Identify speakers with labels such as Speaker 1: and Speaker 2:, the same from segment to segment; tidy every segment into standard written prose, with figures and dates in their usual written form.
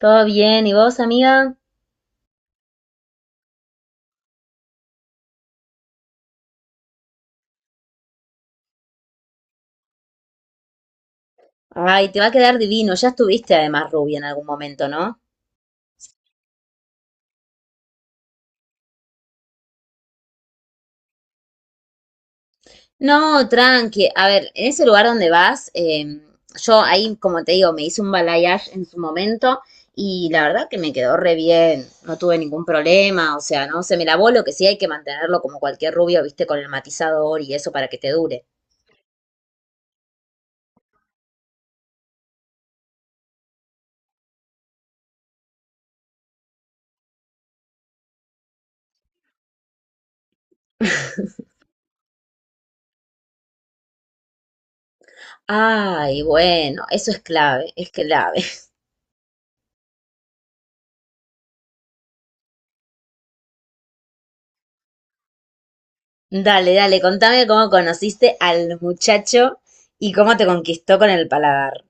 Speaker 1: Todo bien, ¿y vos, amiga? Ay, te va a quedar divino. Ya estuviste además rubia en algún momento, ¿no? No, tranqui. A ver, en ese lugar donde vas, yo ahí, como te digo, me hice un balayage en su momento y la verdad que me quedó re bien. No tuve ningún problema, o sea, no se me lavó lo que sí hay que mantenerlo como cualquier rubio, viste, con el matizador y eso para que te dure. Ay, bueno, eso es clave, es clave. Dale, dale, contame cómo conociste al muchacho y cómo te conquistó con el paladar.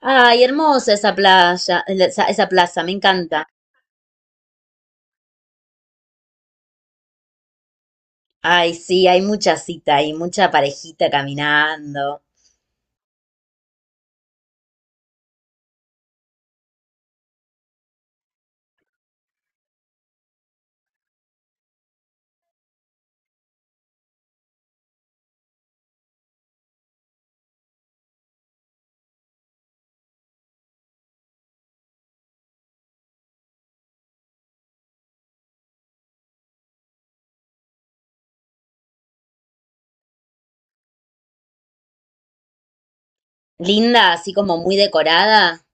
Speaker 1: Ay, hermosa esa playa, esa, esa plaza, me encanta. Ay, sí, hay mucha cita y mucha parejita caminando. Linda, así como muy decorada,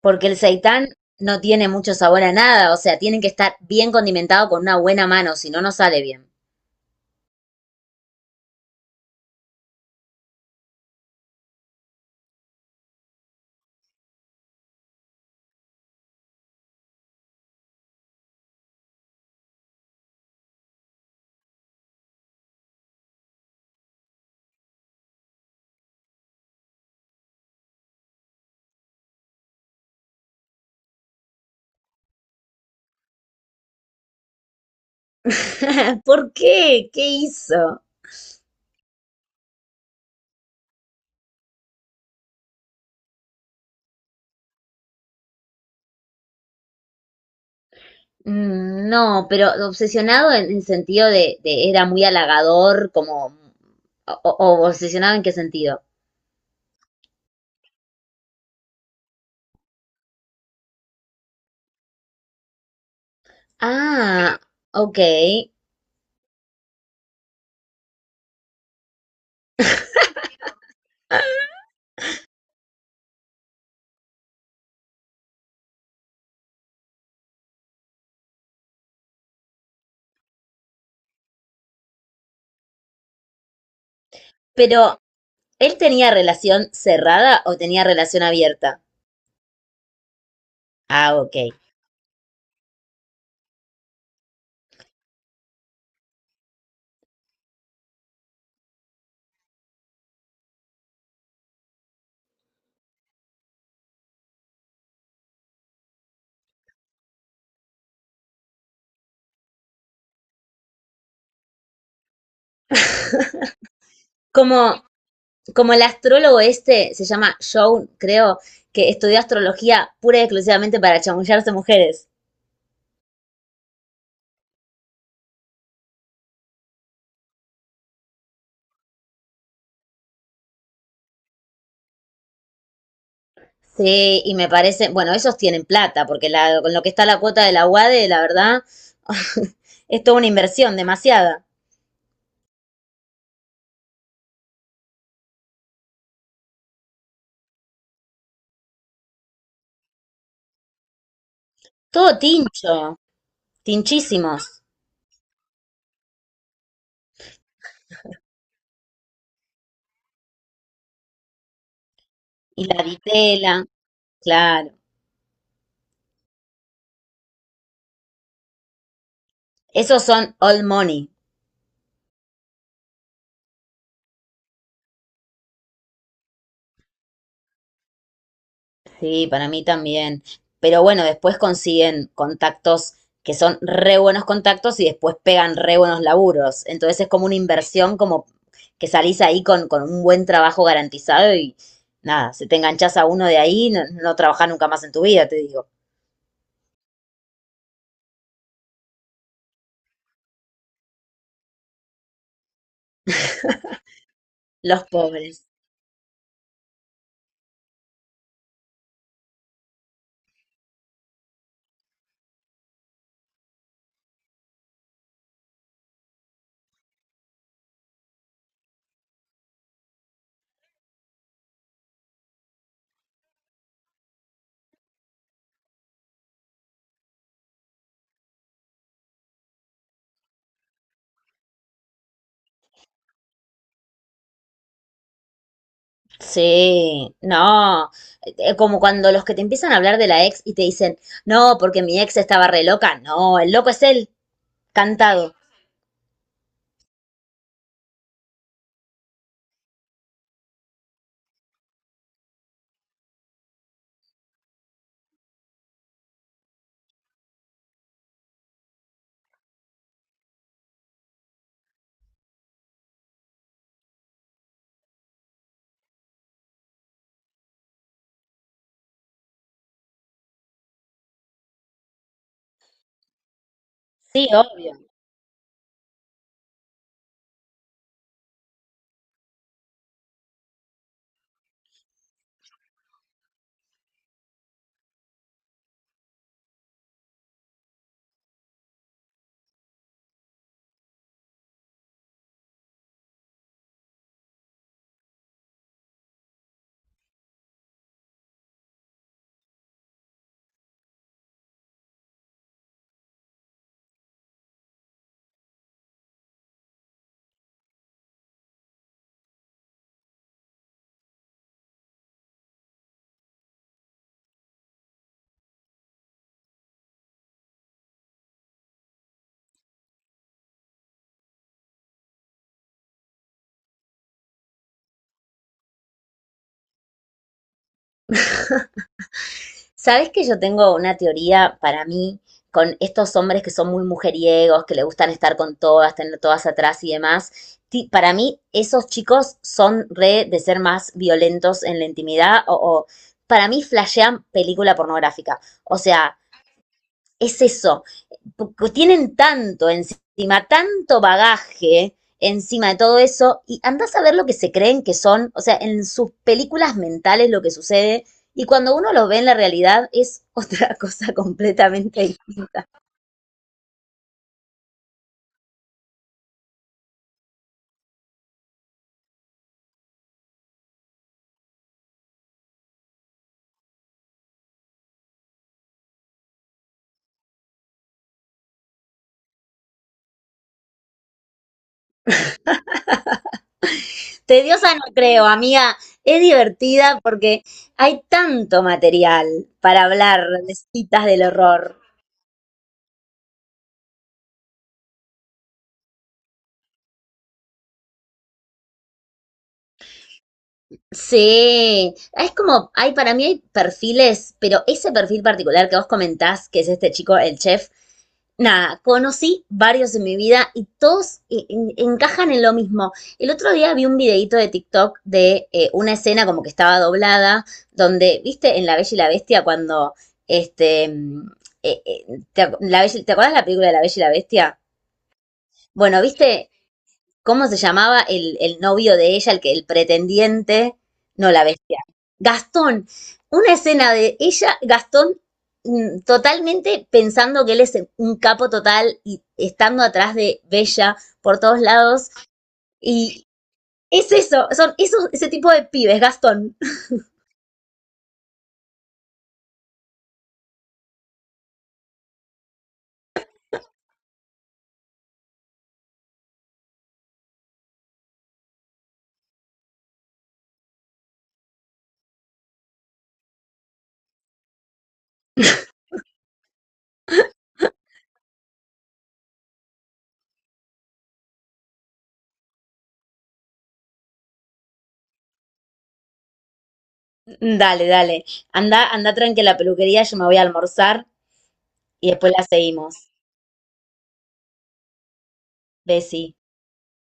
Speaker 1: porque el seitán no tiene mucho sabor a nada, o sea, tiene que estar bien condimentado con una buena mano, si no, no sale bien. ¿Por qué? ¿Qué hizo? Mm, no, pero obsesionado en el sentido de era muy halagador, como... O, o- ¿o obsesionado en qué sentido? Ah, ok. Pero ¿él tenía relación cerrada o tenía relación abierta? Ah, ok. Como, como el astrólogo este se llama Joan, creo, que estudió astrología pura y exclusivamente para chamullarse mujeres. Sí, y me parece, bueno, ellos tienen plata, porque la, con lo que está la cuota de la UADE, la verdad, es toda una inversión, demasiada. Todo tincho, tinchísimos. Y la vitela, claro. Esos son all money. Sí, para mí también. Pero bueno, después consiguen contactos que son re buenos contactos y después pegan re buenos laburos. Entonces es como una inversión, como que salís ahí con un buen trabajo garantizado y nada, si te enganchás a uno de ahí, no, no trabajás nunca más en tu vida, te digo. Los pobres. Sí, no, como cuando los que te empiezan a hablar de la ex y te dicen, no, porque mi ex estaba re loca, no, el loco es él, cantado. Sí, obvio. Sabes que yo tengo una teoría para mí con estos hombres que son muy mujeriegos, que le gustan estar con todas, tener todas atrás y demás. Para mí, esos chicos son re de ser más violentos en la intimidad o para mí flashean película pornográfica. O sea, es eso, tienen tanto encima, tanto bagaje encima de todo eso, y andás a ver lo que se creen que son, o sea, en sus películas mentales lo que sucede, y cuando uno los ve en la realidad es otra cosa completamente tediosa, no creo, amiga, es divertida porque hay tanto material para hablar de citas del horror. Sí, es como, hay para mí hay perfiles, pero ese perfil particular que vos comentás, que es este chico, el chef, nada, conocí varios en mi vida y todos encajan en lo mismo. El otro día vi un videíto de TikTok de una escena como que estaba doblada, donde, viste, en La Bella y la Bestia cuando, este, eh, eh, ¿te, la ¿te acuerdas la película de La Bella y la Bestia? Bueno, viste, ¿cómo se llamaba el novio de ella, el que el pretendiente? No, la bestia. Gastón. Una escena de ella, Gastón, mm, totalmente pensando que él es un capo total y estando atrás de Bella por todos lados. Y es eso, son esos, ese tipo de pibes, Gastón. Dale, dale. Anda, anda tranqui a la peluquería, yo me voy a almorzar y después la seguimos. Bessie.